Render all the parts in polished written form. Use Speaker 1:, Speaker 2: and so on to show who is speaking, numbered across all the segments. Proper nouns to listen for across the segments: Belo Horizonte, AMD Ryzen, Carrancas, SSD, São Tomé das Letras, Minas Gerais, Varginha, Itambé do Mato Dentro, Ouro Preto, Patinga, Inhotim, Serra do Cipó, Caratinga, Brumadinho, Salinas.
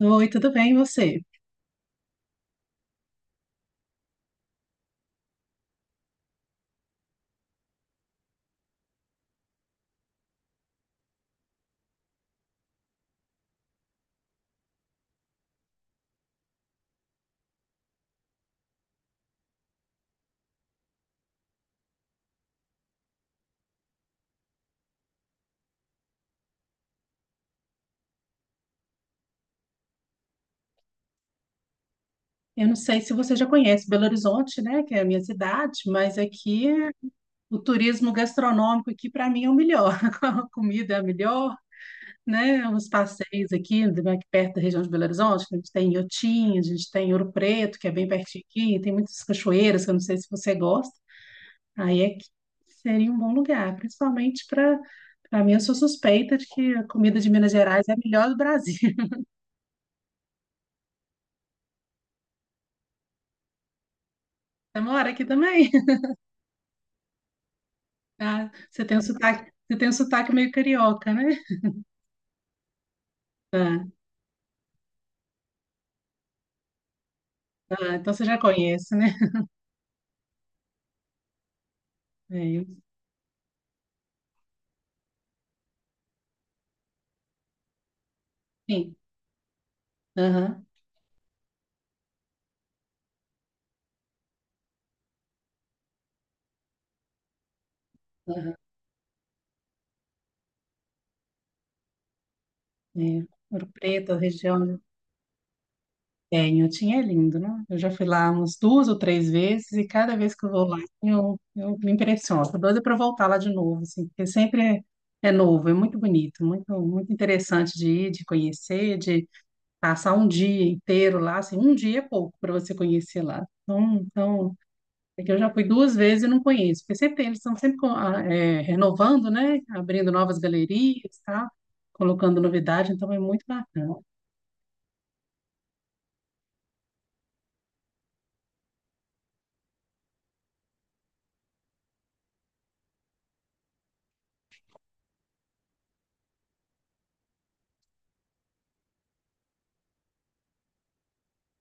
Speaker 1: Oi, tudo bem, e você? Eu não sei se você já conhece Belo Horizonte, né, que é a minha cidade, mas aqui o turismo gastronômico aqui para mim é o melhor. A comida é a melhor, né? Os passeios aqui, aqui perto da região de Belo Horizonte, a gente tem Iotim, a gente tem Ouro Preto, que é bem pertinho aqui, tem muitas cachoeiras, que eu não sei se você gosta. Aí é que seria um bom lugar, principalmente para mim, eu sou suspeita de que a comida de Minas Gerais é a melhor do Brasil. Você mora aqui também? Ah, você tem um sotaque, você tem um sotaque meio carioca, né? Ah, então você já conhece, né? É, eu- sim. Aham, aham. É Ouro Preto, a região onde tenho. Tinha é lindo, né? Eu já fui lá umas duas ou três vezes e cada vez que eu vou lá eu me impressiono. Tô doida para voltar lá de novo, assim, porque sempre é, é novo, é muito bonito, muito, muito interessante de ir, de conhecer, de passar um dia inteiro lá, assim, um dia é pouco para você conhecer lá. Então, é que eu já fui duas vezes e não conheço, porque sempre tem, eles estão sempre renovando, né? Abrindo novas galerias, tá? Colocando novidade, então é muito bacana.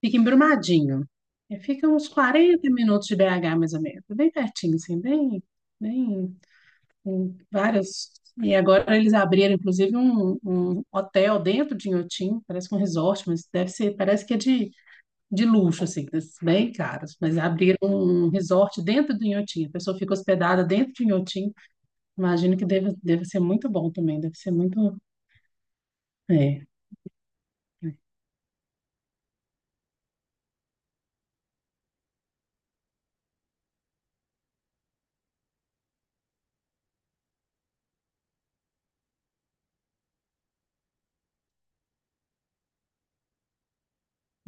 Speaker 1: Fica em Brumadinho. É, fica uns 40 minutos de BH, mais ou menos. É bem pertinho, assim, bem, bem, com vários. E agora eles abriram, inclusive, um hotel dentro de Inhotim, parece que é um resort, mas deve ser, parece que é de luxo, assim, desses bem caros. Mas abriram um resort dentro do Inhotim, a pessoa fica hospedada dentro de Inhotim. Imagino que deve, deve ser muito bom também, deve ser muito. É, é.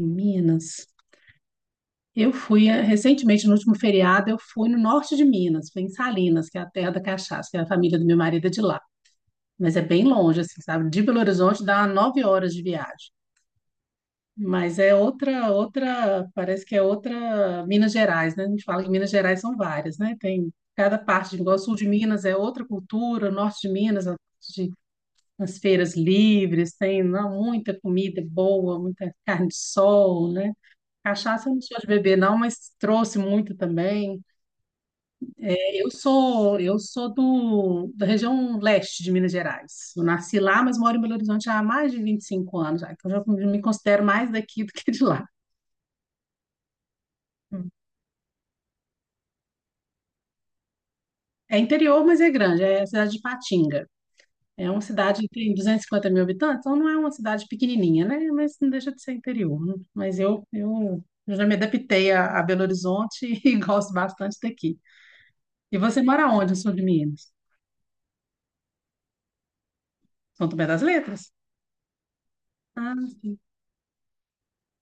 Speaker 1: Em Minas, eu fui recentemente, no último feriado, eu fui no norte de Minas, fui em Salinas, que é a terra da cachaça, que é a família do meu marido é de lá. Mas é bem longe, assim, sabe? De Belo Horizonte dá 9 horas de viagem. Mas é outra, parece que é outra Minas Gerais, né? A gente fala que Minas Gerais são várias, né? Tem cada parte, igual o sul de Minas é outra cultura, o norte de Minas, a parte nas feiras livres, tem não, muita comida boa, muita carne de sol, né? Cachaça eu não sou de beber, não, mas trouxe muito também. É, eu sou do, da região leste de Minas Gerais. Eu nasci lá, mas moro em Belo Horizonte há mais de 25 anos, já, então eu já me considero mais daqui do que de lá. É interior, mas é grande, é a cidade de Patinga. É uma cidade que tem 250 mil habitantes, então não é uma cidade pequenininha, né? Mas não deixa de ser interior, né? Mas eu já me adaptei a Belo Horizonte e gosto bastante daqui. E você mora onde, no sul de Minas? São Tomé das Letras? Ah, sim.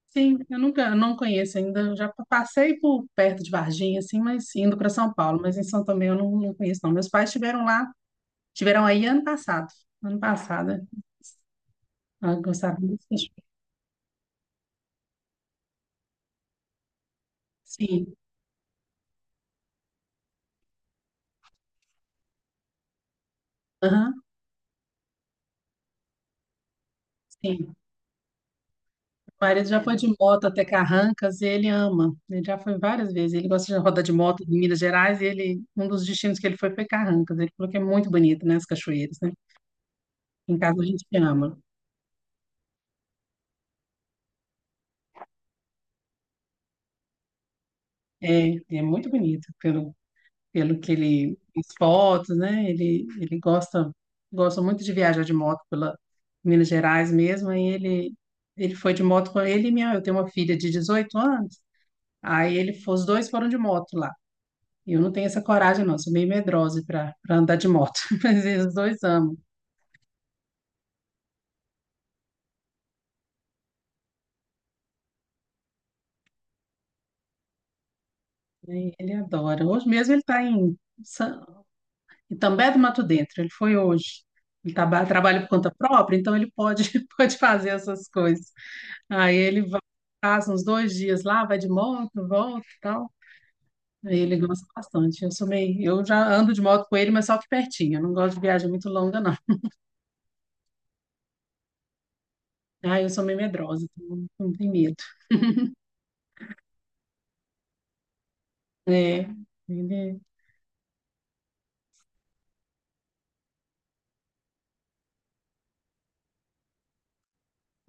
Speaker 1: Sim, eu nunca, eu não conheço ainda. Eu já passei por perto de Varginha, assim, mas indo para São Paulo. Mas em São Tomé eu não, não conheço, não. Meus pais estiveram lá, tiveram aí ano passado. Ano passado, né? Ah, gostaram muito. Sim. Aham, sim. O marido já foi de moto até Carrancas e ele ama. Ele já foi várias vezes. Ele gosta de rodar de moto em Minas Gerais e ele, um dos destinos que ele foi Carrancas. Ele falou que é muito bonito, né? As cachoeiras, né? Em casa a gente ama. É, é muito bonito pelo, pelo que ele as fotos, né? Ele gosta, gosta muito de viajar de moto pela Minas Gerais mesmo. Aí ele foi de moto com ele e minha, eu tenho uma filha de 18 anos. Aí ele, os dois foram de moto lá. Eu não tenho essa coragem, não. Sou meio medrosa para andar de moto. Mas eles dois amam. Né? Ele adora. Hoje mesmo ele está em Sa- Itambé do Mato Dentro. Ele foi hoje. Ele trabalha por conta própria, então ele pode, pode fazer essas coisas. Aí ele vai, passa uns dois dias lá, vai de moto, volta e tal. Aí ele gosta bastante. Eu sou meio, eu já ando de moto com ele, mas só que pertinho. Eu não gosto de viagem muito longa, não. Ah, eu sou meio medrosa, então não tenho medo. É, ele,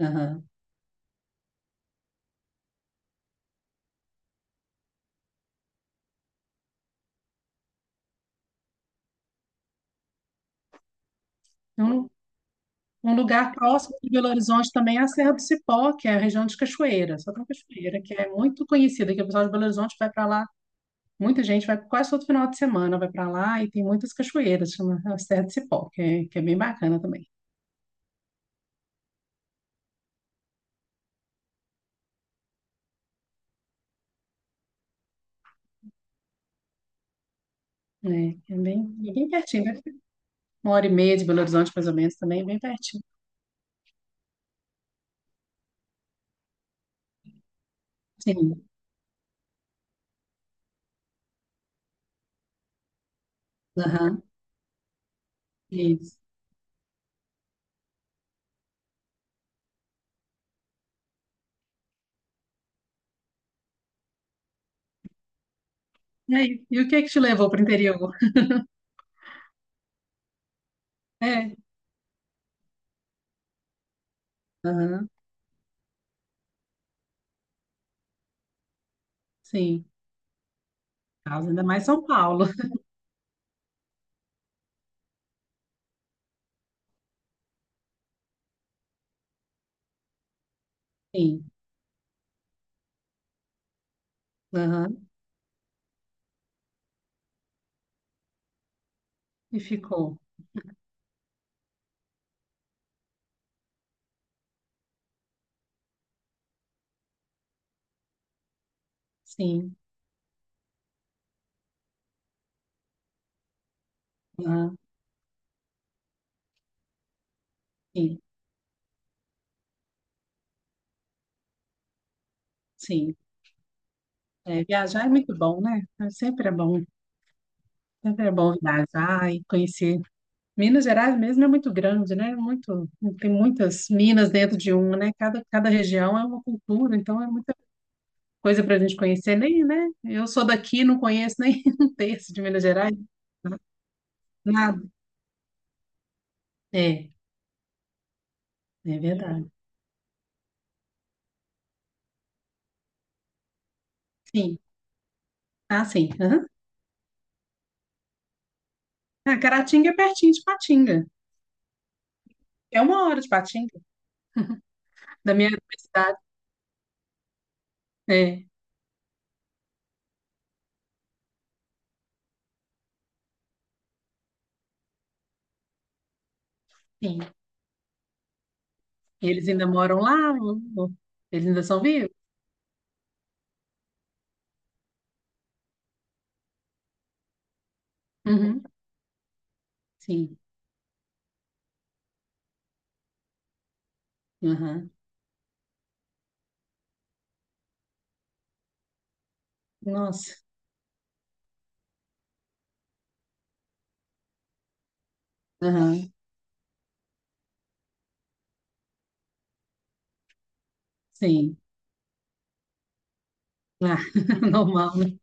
Speaker 1: aham. Eu não. Um lugar próximo de Belo Horizonte também é a Serra do Cipó, que é a região de Cachoeira, só tem Cachoeira, que é muito conhecida, que o pessoal de Belo Horizonte vai para lá, muita gente vai quase todo final de semana, vai para lá e tem muitas cachoeiras, chama a Serra do Cipó, que é bem bacana também. Né? É bem pertinho, deve uma hora e meia de Belo Horizonte, mais ou menos, também, é bem pertinho. Sim, aham, isso. E aí, e o que é que te levou para o interior? É, aham, sim, causa ainda mais São Paulo, sim, aham, e ficou, sim, aham, sim. Sim, é, viajar é muito bom, né? É, sempre é bom, sempre é bom viajar e conhecer. Minas Gerais mesmo é muito grande, né? Muito, tem muitas minas dentro de uma, né? Cada região é uma cultura, então é muita coisa para a gente conhecer, nem, né? Eu sou daqui, não conheço nem um terço de Minas Gerais, nada. É, é verdade. Sim, ah, sim. Aham. Ah, Caratinga é pertinho de Patinga. É uma hora de Patinga, da minha cidade. É, sim. Eles ainda moram lá, ou- eles ainda são vivos? Uhum, sim. Aham. Nossa. Aham, sim. Ah, normal, né?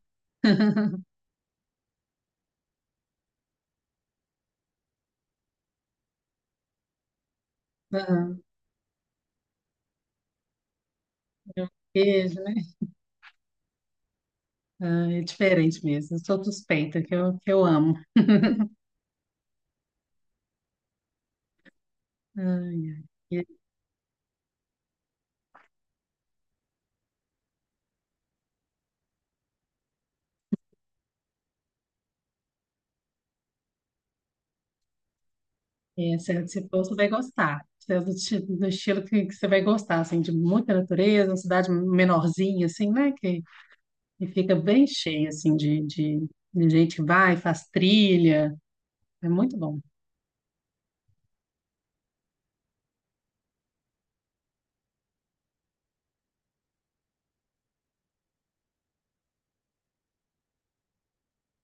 Speaker 1: Aham. Queijo, né? Ah, é diferente mesmo. Eu sou suspeita, que eu amo. Ai, ai. E, se, se for, você vai gostar. Você é do, do estilo que você vai gostar, assim, de muita natureza, uma cidade menorzinha, assim, né? Que fica bem cheia, assim, de gente que vai, faz trilha. É muito bom.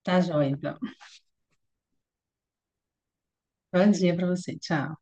Speaker 1: Tá joia, então. Bom dia pra você. Tchau.